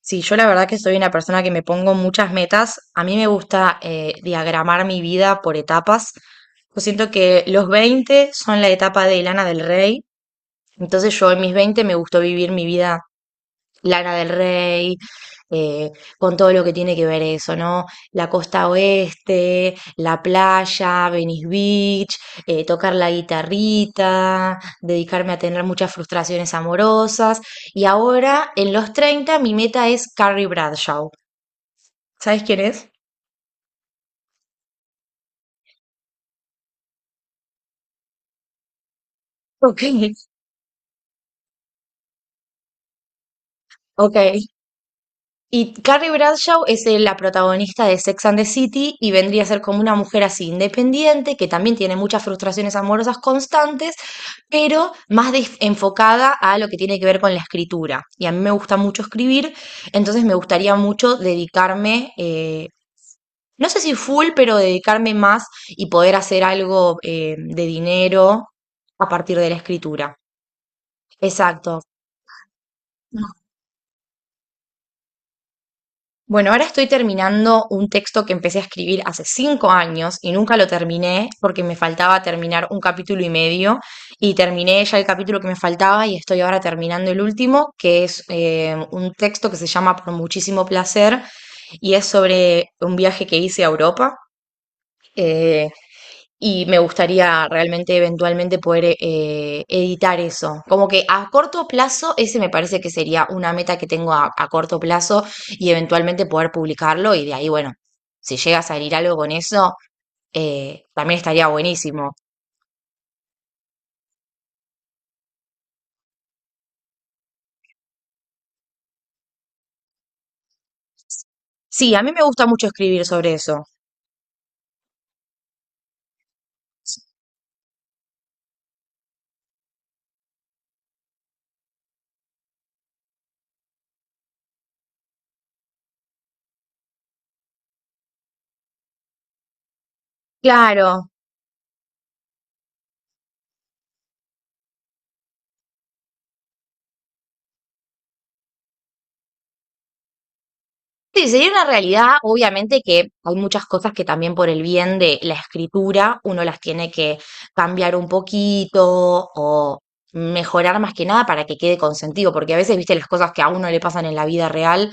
Sí, yo la verdad que soy una persona que me pongo muchas metas. A mí me gusta diagramar mi vida por etapas. Yo siento que los 20 son la etapa de Lana del Rey. Entonces yo en mis 20 me gustó vivir mi vida Lana del Rey, eh, con todo lo que tiene que ver eso, ¿no? La costa oeste, la playa, Venice Beach, tocar la guitarrita, dedicarme a tener muchas frustraciones amorosas. Y ahora, en los 30, mi meta es Carrie Bradshaw. ¿Sabes quién es? Ok, ok. Y Carrie Bradshaw es la protagonista de Sex and the City y vendría a ser como una mujer así independiente, que también tiene muchas frustraciones amorosas constantes, pero enfocada a lo que tiene que ver con la escritura. Y a mí me gusta mucho escribir, entonces me gustaría mucho dedicarme, no sé si full, pero dedicarme más y poder hacer algo de dinero a partir de la escritura. Exacto. Bueno, ahora estoy terminando un texto que empecé a escribir hace 5 años y nunca lo terminé porque me faltaba terminar un capítulo y medio y terminé ya el capítulo que me faltaba y estoy ahora terminando el último, que es un texto que se llama Por muchísimo placer y es sobre un viaje que hice a Europa eh, y me gustaría realmente eventualmente poder editar eso. Como que a corto plazo, ese me parece que sería una meta que tengo a corto plazo y eventualmente poder publicarlo y de ahí, bueno, si llega a salir algo con eso, también estaría buenísimo. Sí, a mí me gusta mucho escribir sobre eso. Claro, sí, sería una realidad, obviamente que hay muchas cosas que también por el bien de la escritura uno las tiene que cambiar un poquito o mejorar más que nada para que quede con sentido, porque a veces, viste, las cosas que a uno le pasan en la vida real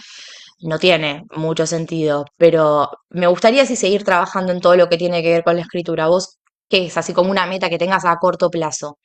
no tiene mucho sentido, pero me gustaría sí seguir trabajando en todo lo que tiene que ver con la escritura. ¿Vos qué es? Así como una meta que tengas a corto plazo.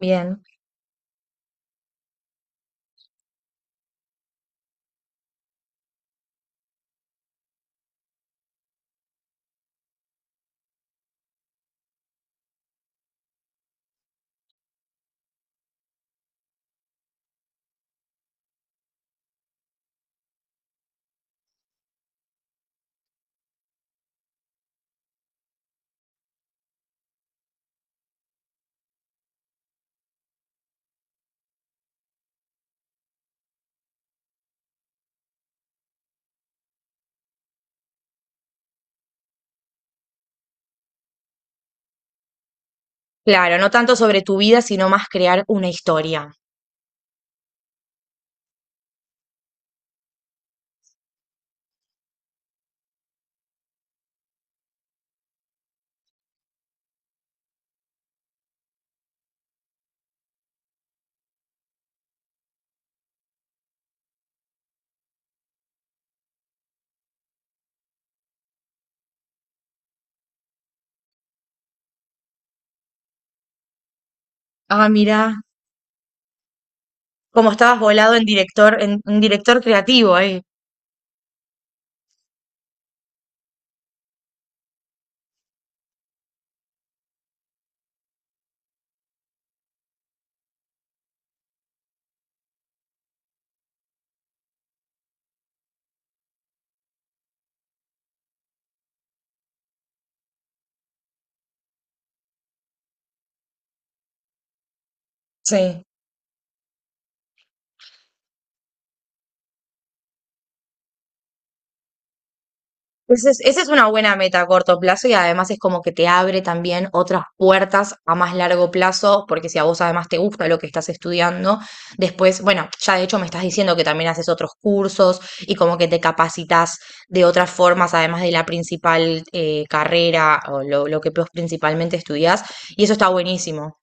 Bien. Claro, no tanto sobre tu vida, sino más crear una historia. Ah, mira, como estabas volado en director, en un director creativo ahí. Sí, ese esa es una buena meta a corto plazo y además es como que te abre también otras puertas a más largo plazo, porque si a vos además te gusta lo que estás estudiando, después, bueno, ya de hecho me estás diciendo que también haces otros cursos y como que te capacitas de otras formas, además de la principal carrera o lo que vos principalmente estudiás, y eso está buenísimo,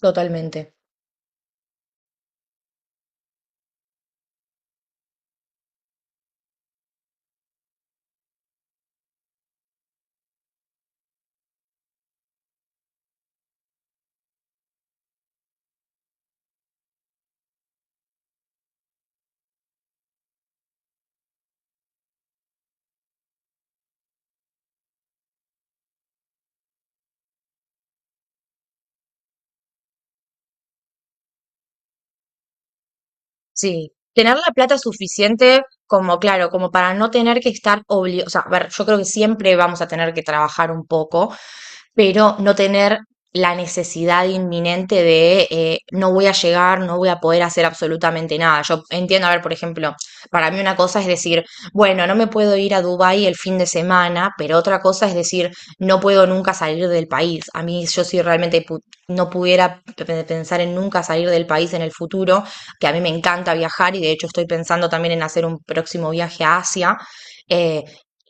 totalmente. Sí, tener la plata suficiente como, claro, como para no tener que estar obligado, o sea, a ver, yo creo que siempre vamos a tener que trabajar un poco, pero no tener la necesidad inminente de no voy a llegar, no voy a poder hacer absolutamente nada. Yo entiendo, a ver, por ejemplo, para mí una cosa es decir, bueno, no me puedo ir a Dubái el fin de semana, pero otra cosa es decir, no puedo nunca salir del país. A mí yo si realmente no pudiera pensar en nunca salir del país en el futuro, que a mí me encanta viajar y de hecho estoy pensando también en hacer un próximo viaje a Asia. eh,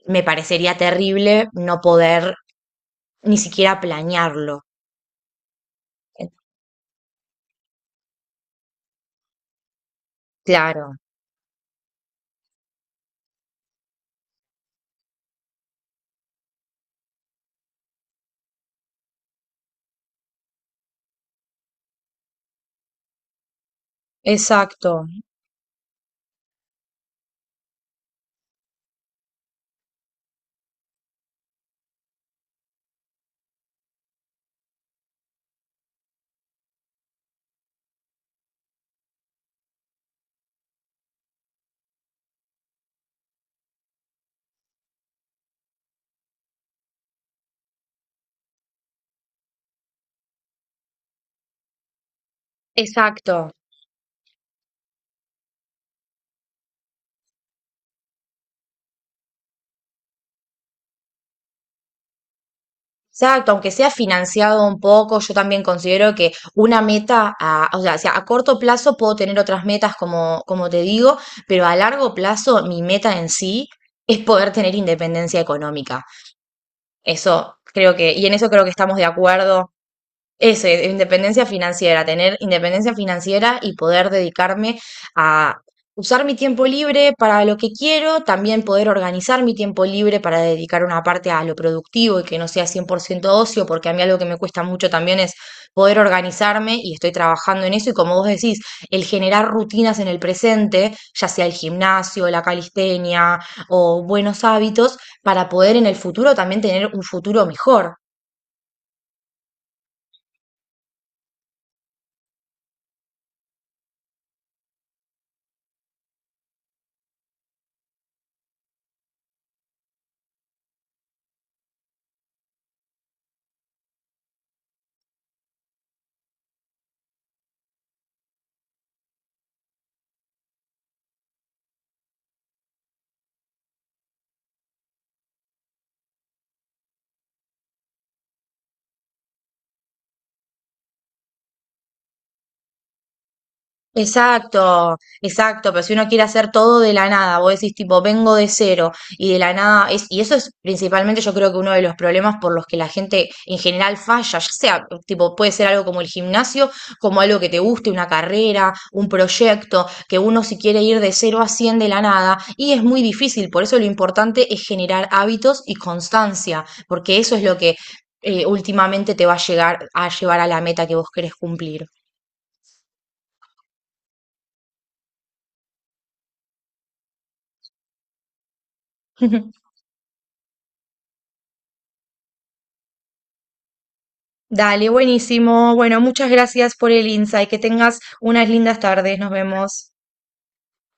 me parecería terrible no poder ni siquiera planearlo. Eh, Claro, exacto, exacto. Exacto, aunque sea financiado un poco, yo también considero que una meta, a, o sea, si a corto plazo puedo tener otras metas como, como te digo, pero a largo plazo mi meta en sí es poder tener independencia económica. Eso creo que, y en eso creo que estamos de acuerdo. Eso, independencia financiera, tener independencia financiera y poder dedicarme a usar mi tiempo libre para lo que quiero, también poder organizar mi tiempo libre para dedicar una parte a lo productivo y que no sea 100% ocio, porque a mí algo que me cuesta mucho también es poder organizarme y estoy trabajando en eso y como vos decís, el generar rutinas en el presente, ya sea el gimnasio, la calistenia o buenos hábitos, para poder en el futuro también tener un futuro mejor. Exacto, exacto, pero si uno quiere hacer todo de la nada, vos decís tipo, vengo de cero y de la nada, es, y eso es principalmente yo creo que uno de los problemas por los que la gente en general falla, ya sea tipo, puede ser algo como el gimnasio, como algo que te guste, una carrera, un proyecto, que uno si quiere ir de 0 a 100 de la nada, y es muy difícil, por eso lo importante es generar hábitos y constancia, porque eso es lo que últimamente te va a llegar a llevar a la meta que vos querés cumplir. Dale, buenísimo. Bueno, muchas gracias por el insight. Que tengas unas lindas tardes. Nos vemos.